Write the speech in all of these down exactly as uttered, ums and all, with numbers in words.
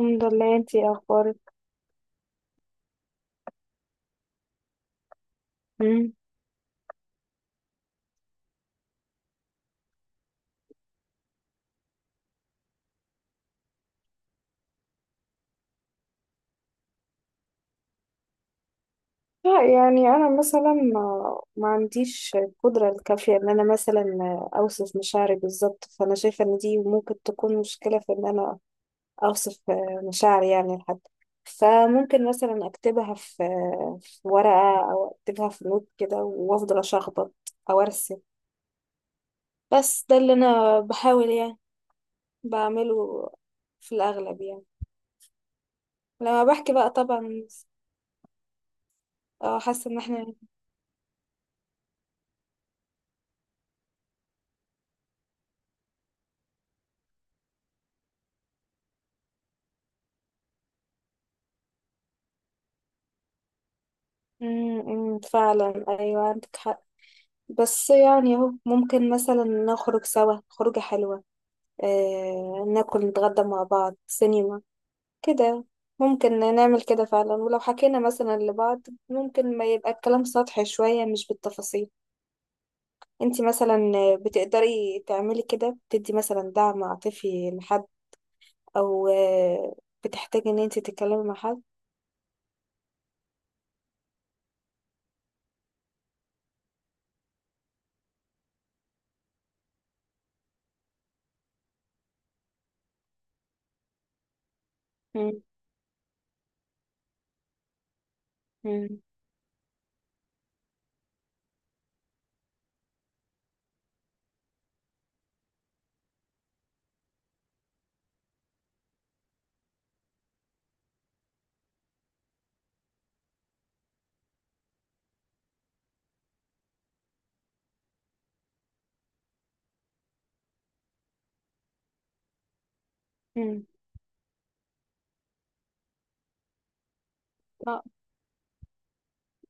الحمد لله، انتي اخبارك؟ مم. لا، يعني انا مثلا ما, ما عنديش القدره الكافيه ان انا مثلا اوصف مشاعري بالظبط، فانا شايفه ان دي ممكن تكون مشكله في ان انا اوصف مشاعري يعني لحد. فممكن مثلا اكتبها في في ورقه او اكتبها في نوت كده وافضل اشخبط او ارسم، بس ده اللي انا بحاول يعني بعمله في الاغلب يعني لما بحكي بقى طبعا. اه، حاسه ان احنا امم امم، فعلا، ايوه عندك حق. بس يعني اهو، ممكن مثلا نخرج سوا خروجة حلوة، آه ناكل نتغدى مع بعض سينما كده. ممكن نعمل كده فعلا، ولو حكينا مثلا لبعض ممكن ما يبقى الكلام سطحي شوية مش بالتفاصيل. انتي مثلا بتقدري تعملي كده؟ بتدي مثلا دعم عاطفي لحد، او آه بتحتاجي ان انتي تتكلمي مع حد؟ امم امم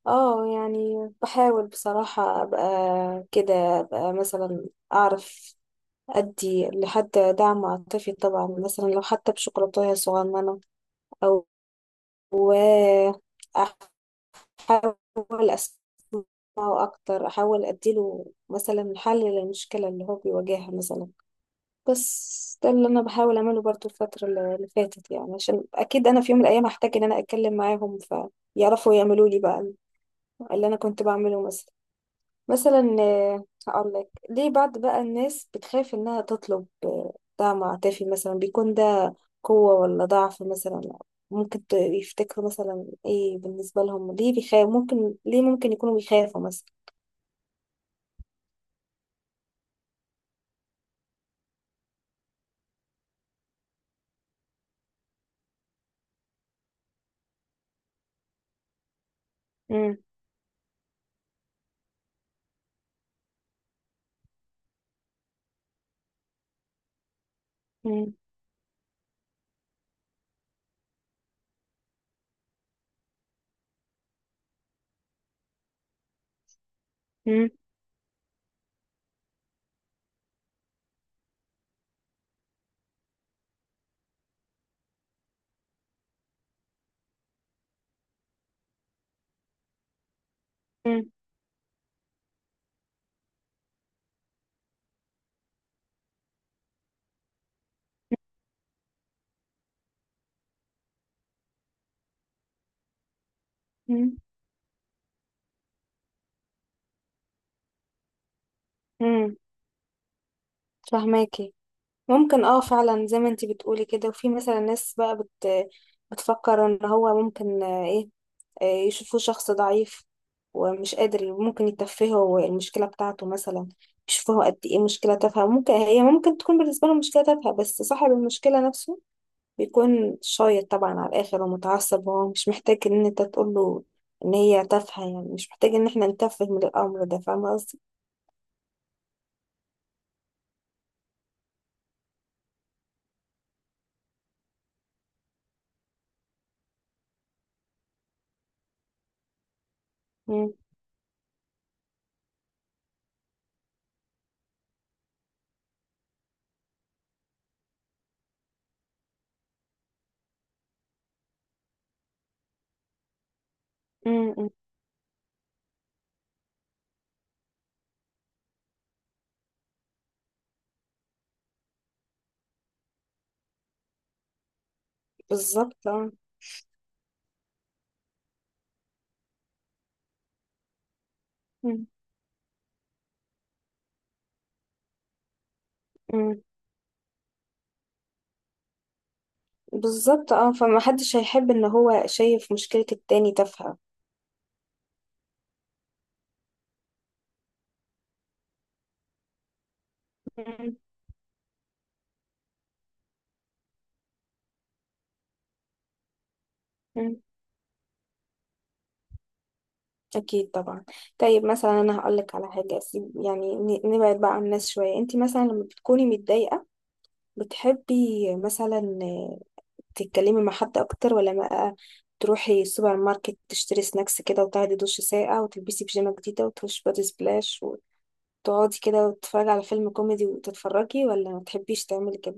اه، يعني بحاول بصراحة ابقى كده، ابقى مثلا اعرف ادي لحد دعم عاطفي طبعا، مثلا لو حتى بشوكولاتة صغننة، او و احاول اسمعه اكتر، احاول اديله مثلا حل للمشكلة اللي هو بيواجهها مثلا. بس ده اللي انا بحاول اعمله برضو الفترة اللي فاتت يعني، عشان اكيد انا في يوم من الايام هحتاج ان انا اتكلم معاهم، فيعرفوا يعملوا لي بقى اللي انا كنت بعمله مثلا. مثلا، آه، هقول لك ليه بعض بقى الناس بتخاف انها تطلب آه، دعم عاطفي، مثلا بيكون ده قوة ولا ضعف؟ مثلا ممكن ت- يفتكروا مثلا ايه بالنسبة لهم، ليه بيخاف، ممكن ليه ممكن يكونوا بيخافوا مثلا؟ مم، مم، مم، مم، مم، مم. فهماكي. ممكن اه فعلا زي ما انتي بتقولي كده، وفي مثلا ناس بقى بت بتفكر ان هو ممكن آه، ايه، آه، يشوفوه شخص ضعيف ومش قادر، ممكن يتفهوا المشكلة بتاعته مثلا، يشوفوها قد ايه مشكلة تافهة. ممكن هي ممكن تكون بالنسبة له مشكلة تافهة بس صاحب المشكلة نفسه بيكون شايط طبعا على الآخر ومتعصب. هو مش محتاج ان انت تقول له ان هي تافهة، يعني مش محتاج ان احنا نتفه من الأمر ده. فاهمة قصدي؟ مم. مم. مم. بالظبط، اه. مم. مم. بالظبط، اه، فمحدش هيحب ان هو شايف مشكلة التاني تافهة. مم. أكيد طبعا. طيب مثلا أنا هقولك على حاجة، أسيب يعني ن- نبعد بقى عن الناس شوية. أنت مثلا لما بتكوني متضايقة بتحبي مثلا آه، تتكلمي مع حد أكتر، ولا بقى تروحي السوبر ماركت تشتري سناكس كده وتاخدي دش ساقع وتلبسي بيجامة جديدة وتخشي بادي سبلاش وتقعدي كده وتتفرجي على فيلم كوميدي وتتفرجي، ولا ما تحبيش تعملي كده؟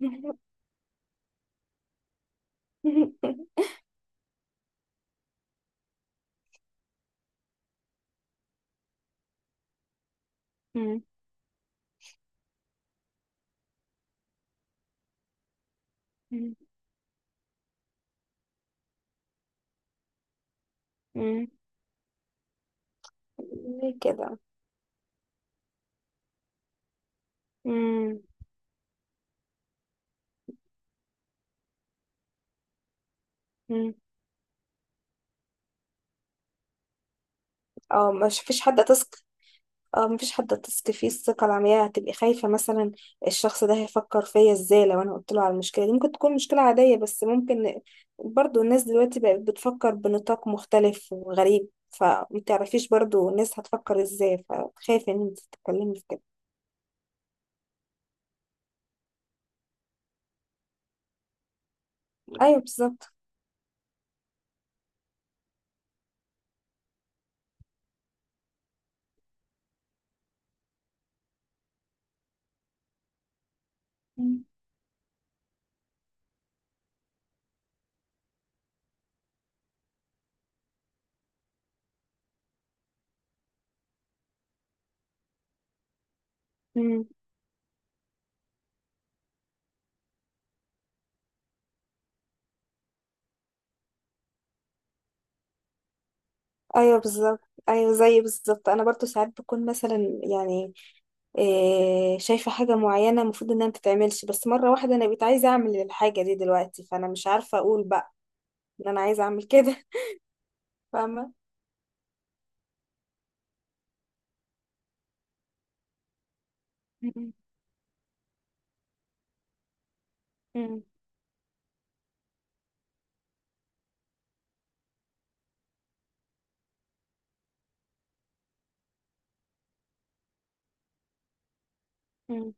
مم. مم. مم. ليه كده؟ مم. مم. اه، مش فيش حد تثق. اه، مفيش حد هتثقي فيه الثقة العمياء، هتبقي خايفة مثلا الشخص ده هيفكر فيا ازاي لو انا قلت له على المشكلة دي. ممكن تكون مشكلة عادية بس ممكن برضو الناس دلوقتي بقت بتفكر بنطاق مختلف وغريب، فمتعرفيش برضو الناس هتفكر ازاي، فخايفة ان انت تتكلمي في كده. ايوه بالظبط. مم. مم. ايوه بالظبط. ايوه، زي بالظبط انا برضو ساعات بكون مثلا يعني إيه شايفه حاجه معينه المفروض انها ما تتعملش، بس مره واحده انا بقيت عايزه اعمل الحاجه دي دلوقتي، فانا مش عارفه اقول بقى ان انا عايزه اعمل كده. فاهمه. مم. مم. مم.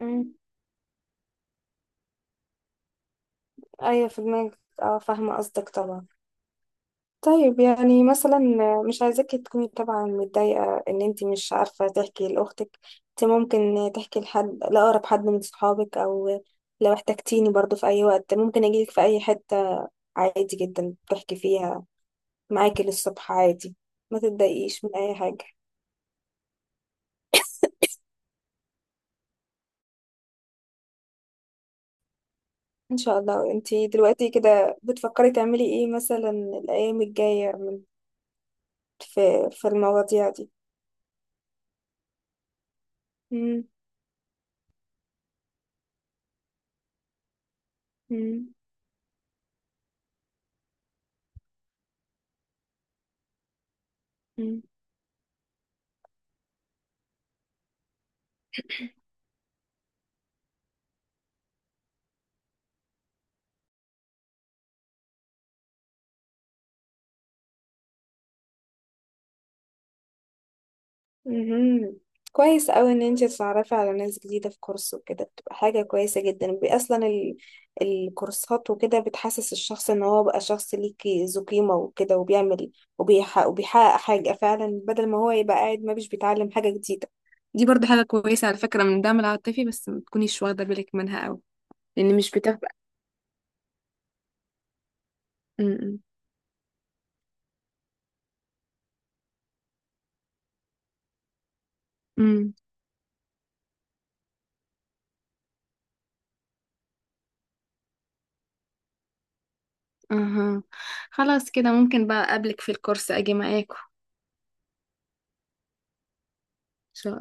مم. ايوه في دماغك، اه فاهمه قصدك طبعا. طيب يعني مثلا، مش عايزاكي تكوني طبعا متضايقه ان انت مش عارفه تحكي لاختك. انت ممكن تحكي لحد، لاقرب حد من صحابك، او لو احتجتيني برضو في اي وقت ممكن اجيلك في اي حته، عادي جدا تحكي فيها معاكي للصبح عادي. ما تتضايقيش من اي حاجه. ان شاء الله، انت دلوقتي كده بتفكري تعملي ايه مثلا الايام الجايه في في المواضيع دي؟ مم. مم. مم. مهم. كويس قوي ان انت تتعرفي على ناس جديدة في كورس وكده، بتبقى حاجة كويسة جدا، بي- اصلا ال... الكورسات وكده بتحسس الشخص ان هو بقى شخص ليكي ذو قيمة وكده، وبيعمل وبيحقق, وبيحقق حاجة فعلا، بدل ما هو يبقى قاعد ما مش بيتعلم حاجة جديدة. دي برضو حاجة كويسة على فكرة من الدعم العاطفي، بس ما تكونيش واخدة بالك منها قوي. لان مش بتبقى م- م. أها. خلاص كده، ممكن بقى أقابلك في الكورس أجي معاكم. إن شاء